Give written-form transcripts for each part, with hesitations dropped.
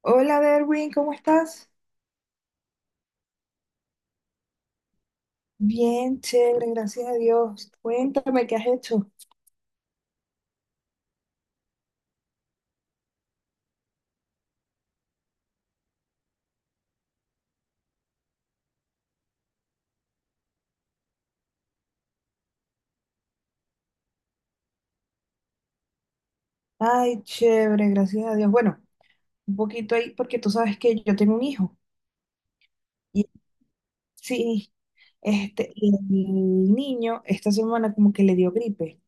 Hola, Derwin, ¿cómo estás? Bien, chévere, gracias a Dios. Cuéntame qué has hecho. Ay, chévere, gracias a Dios. Bueno, un poquito ahí porque tú sabes que yo tengo un hijo. Y sí, y el niño esta semana como que le dio gripe.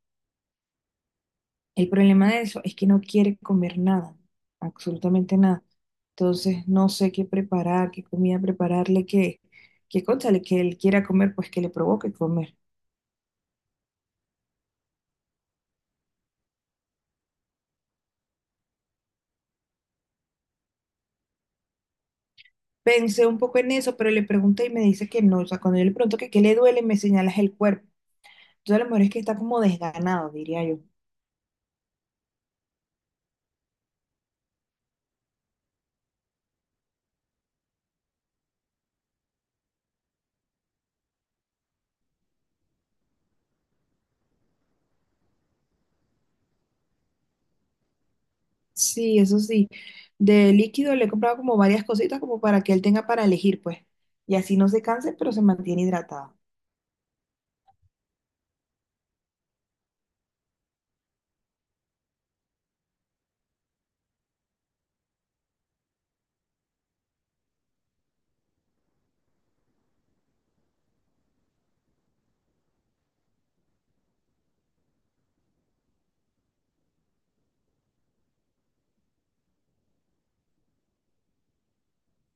El problema de eso es que no quiere comer nada, absolutamente nada. Entonces no sé qué preparar, qué comida prepararle, qué, qué cónchale, que él quiera comer, pues que le provoque comer. Pensé un poco en eso, pero le pregunté y me dice que no. O sea, cuando yo le pregunto que qué le duele, me señalas el cuerpo. Entonces, a lo mejor es que está como desganado, diría yo. Sí, eso sí. De líquido le he comprado como varias cositas como para que él tenga para elegir, pues. Y así no se canse, pero se mantiene hidratado.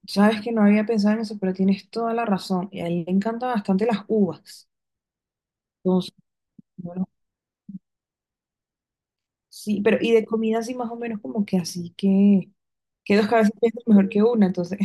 Sabes que no había pensado en eso, pero tienes toda la razón. Y a él le encantan bastante las uvas. Entonces, bueno, sí, pero y de comida así más o menos como que así que dos cabezas piensan mejor que una, entonces.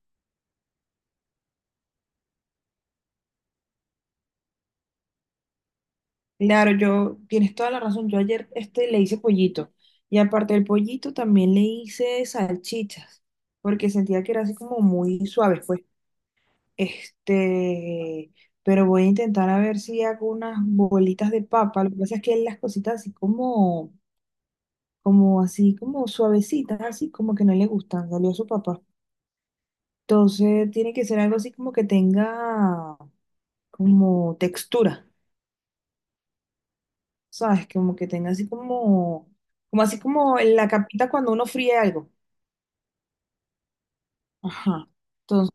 Claro, yo, tienes toda la razón. Yo ayer le hice pollito y aparte del pollito también le hice salchichas porque sentía que era así como muy suave, pues. Este, pero voy a intentar a ver si hago unas bolitas de papa. Lo que pasa es que él las cositas así como, como así como suavecitas, así como que no le gustan, salió su papá. Entonces tiene que ser algo así como que tenga como textura. ¿Sabes? Como que tenga así como, como así como en la capita cuando uno fríe algo. Ajá. Entonces,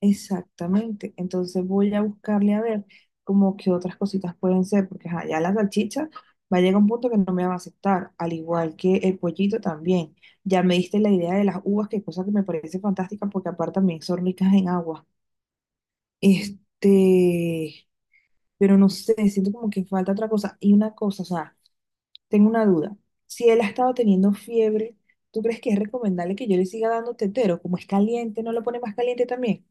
exactamente. Entonces voy a buscarle a ver como que otras cositas pueden ser, porque ajá, ya la salchicha va a llegar a un punto que no me va a aceptar, al igual que el pollito también. Ya me diste la idea de las uvas, que cosa que me parece fantástica, porque aparte también son ricas en agua. Este, pero no sé, siento como que falta otra cosa. Y una cosa, o sea. Tengo una duda. Si él ha estado teniendo fiebre, ¿tú crees que es recomendable que yo le siga dando tetero? Como es caliente, ¿no lo pone más caliente también?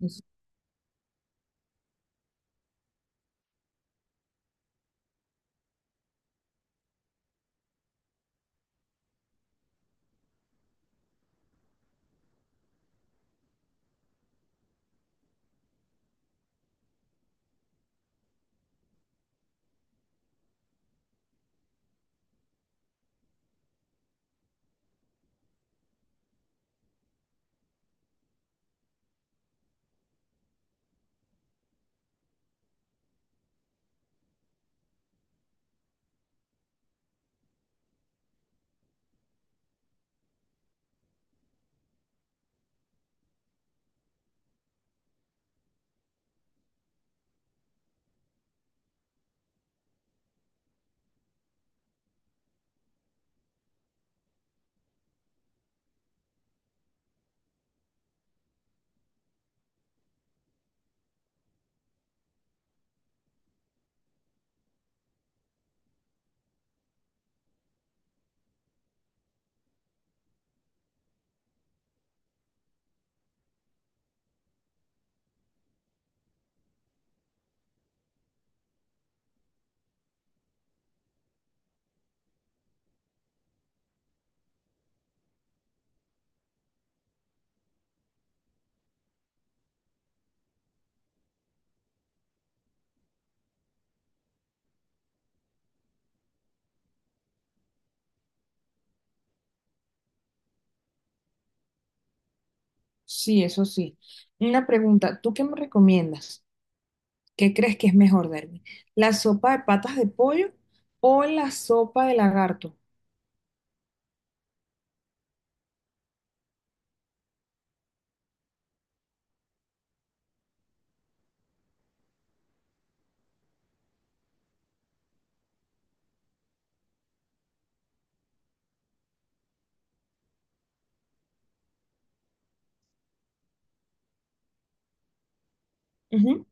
Eso- sí, eso sí. Una pregunta, ¿tú qué me recomiendas? ¿Qué crees que es mejor darme? ¿La sopa de patas de pollo o la sopa de lagarto? Ujú.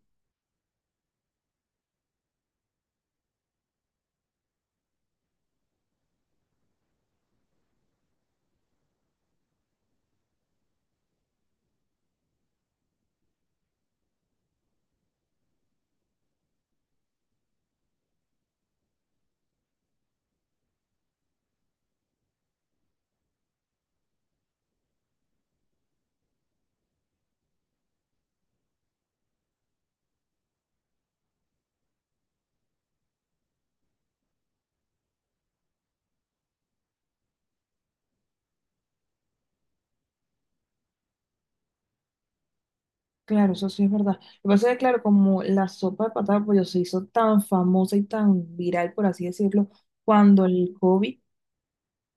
Claro, eso sí es verdad. Lo que pasa es que, claro, como la sopa de patas de pollo se hizo tan famosa y tan viral, por así decirlo, cuando el COVID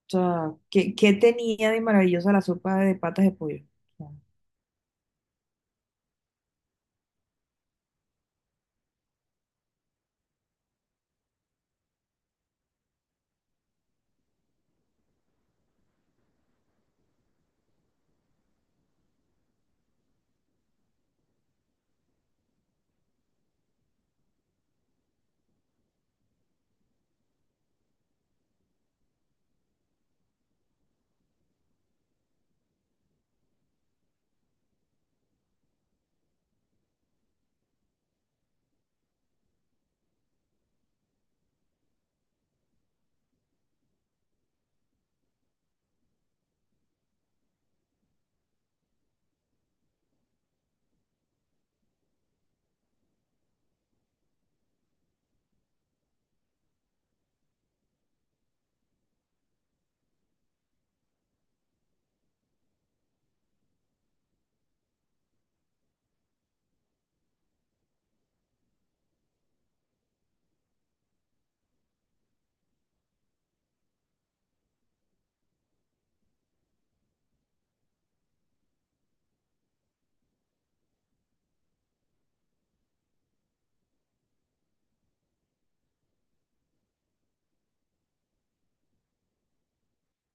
sea, ¿qué, qué tenía de maravillosa la sopa de patas de pollo? O sea,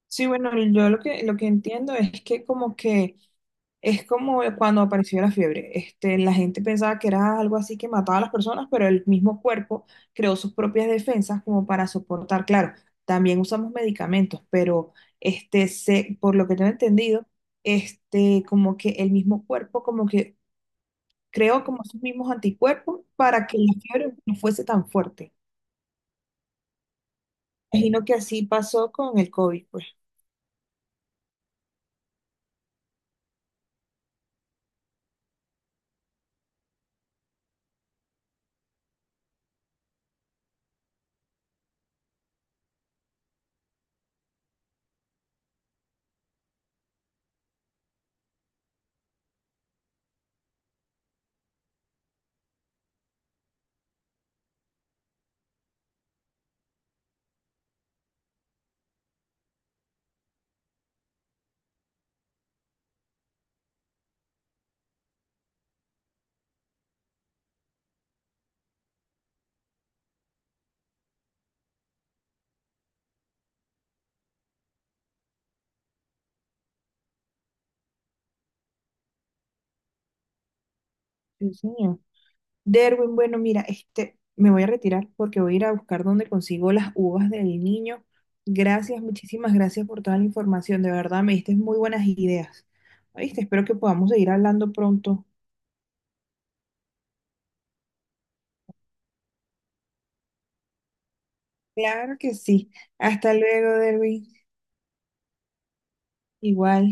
sí, bueno, yo lo que entiendo es que como que es como cuando apareció la fiebre. La gente pensaba que era algo así que mataba a las personas, pero el mismo cuerpo creó sus propias defensas como para soportar. Claro, también usamos medicamentos, pero se, por lo que tengo entendido, como que el mismo cuerpo como que creó como sus mismos anticuerpos para que la fiebre no fuese tan fuerte. Imagino que así pasó con el COVID, pues. Sí, señor. Derwin, bueno, mira, me voy a retirar porque voy a ir a buscar dónde consigo las uvas del niño. Gracias, muchísimas gracias por toda la información. De verdad, me diste muy buenas ideas. ¿Viste? Espero que podamos seguir hablando pronto. Claro que sí. Hasta luego, Derwin. Igual.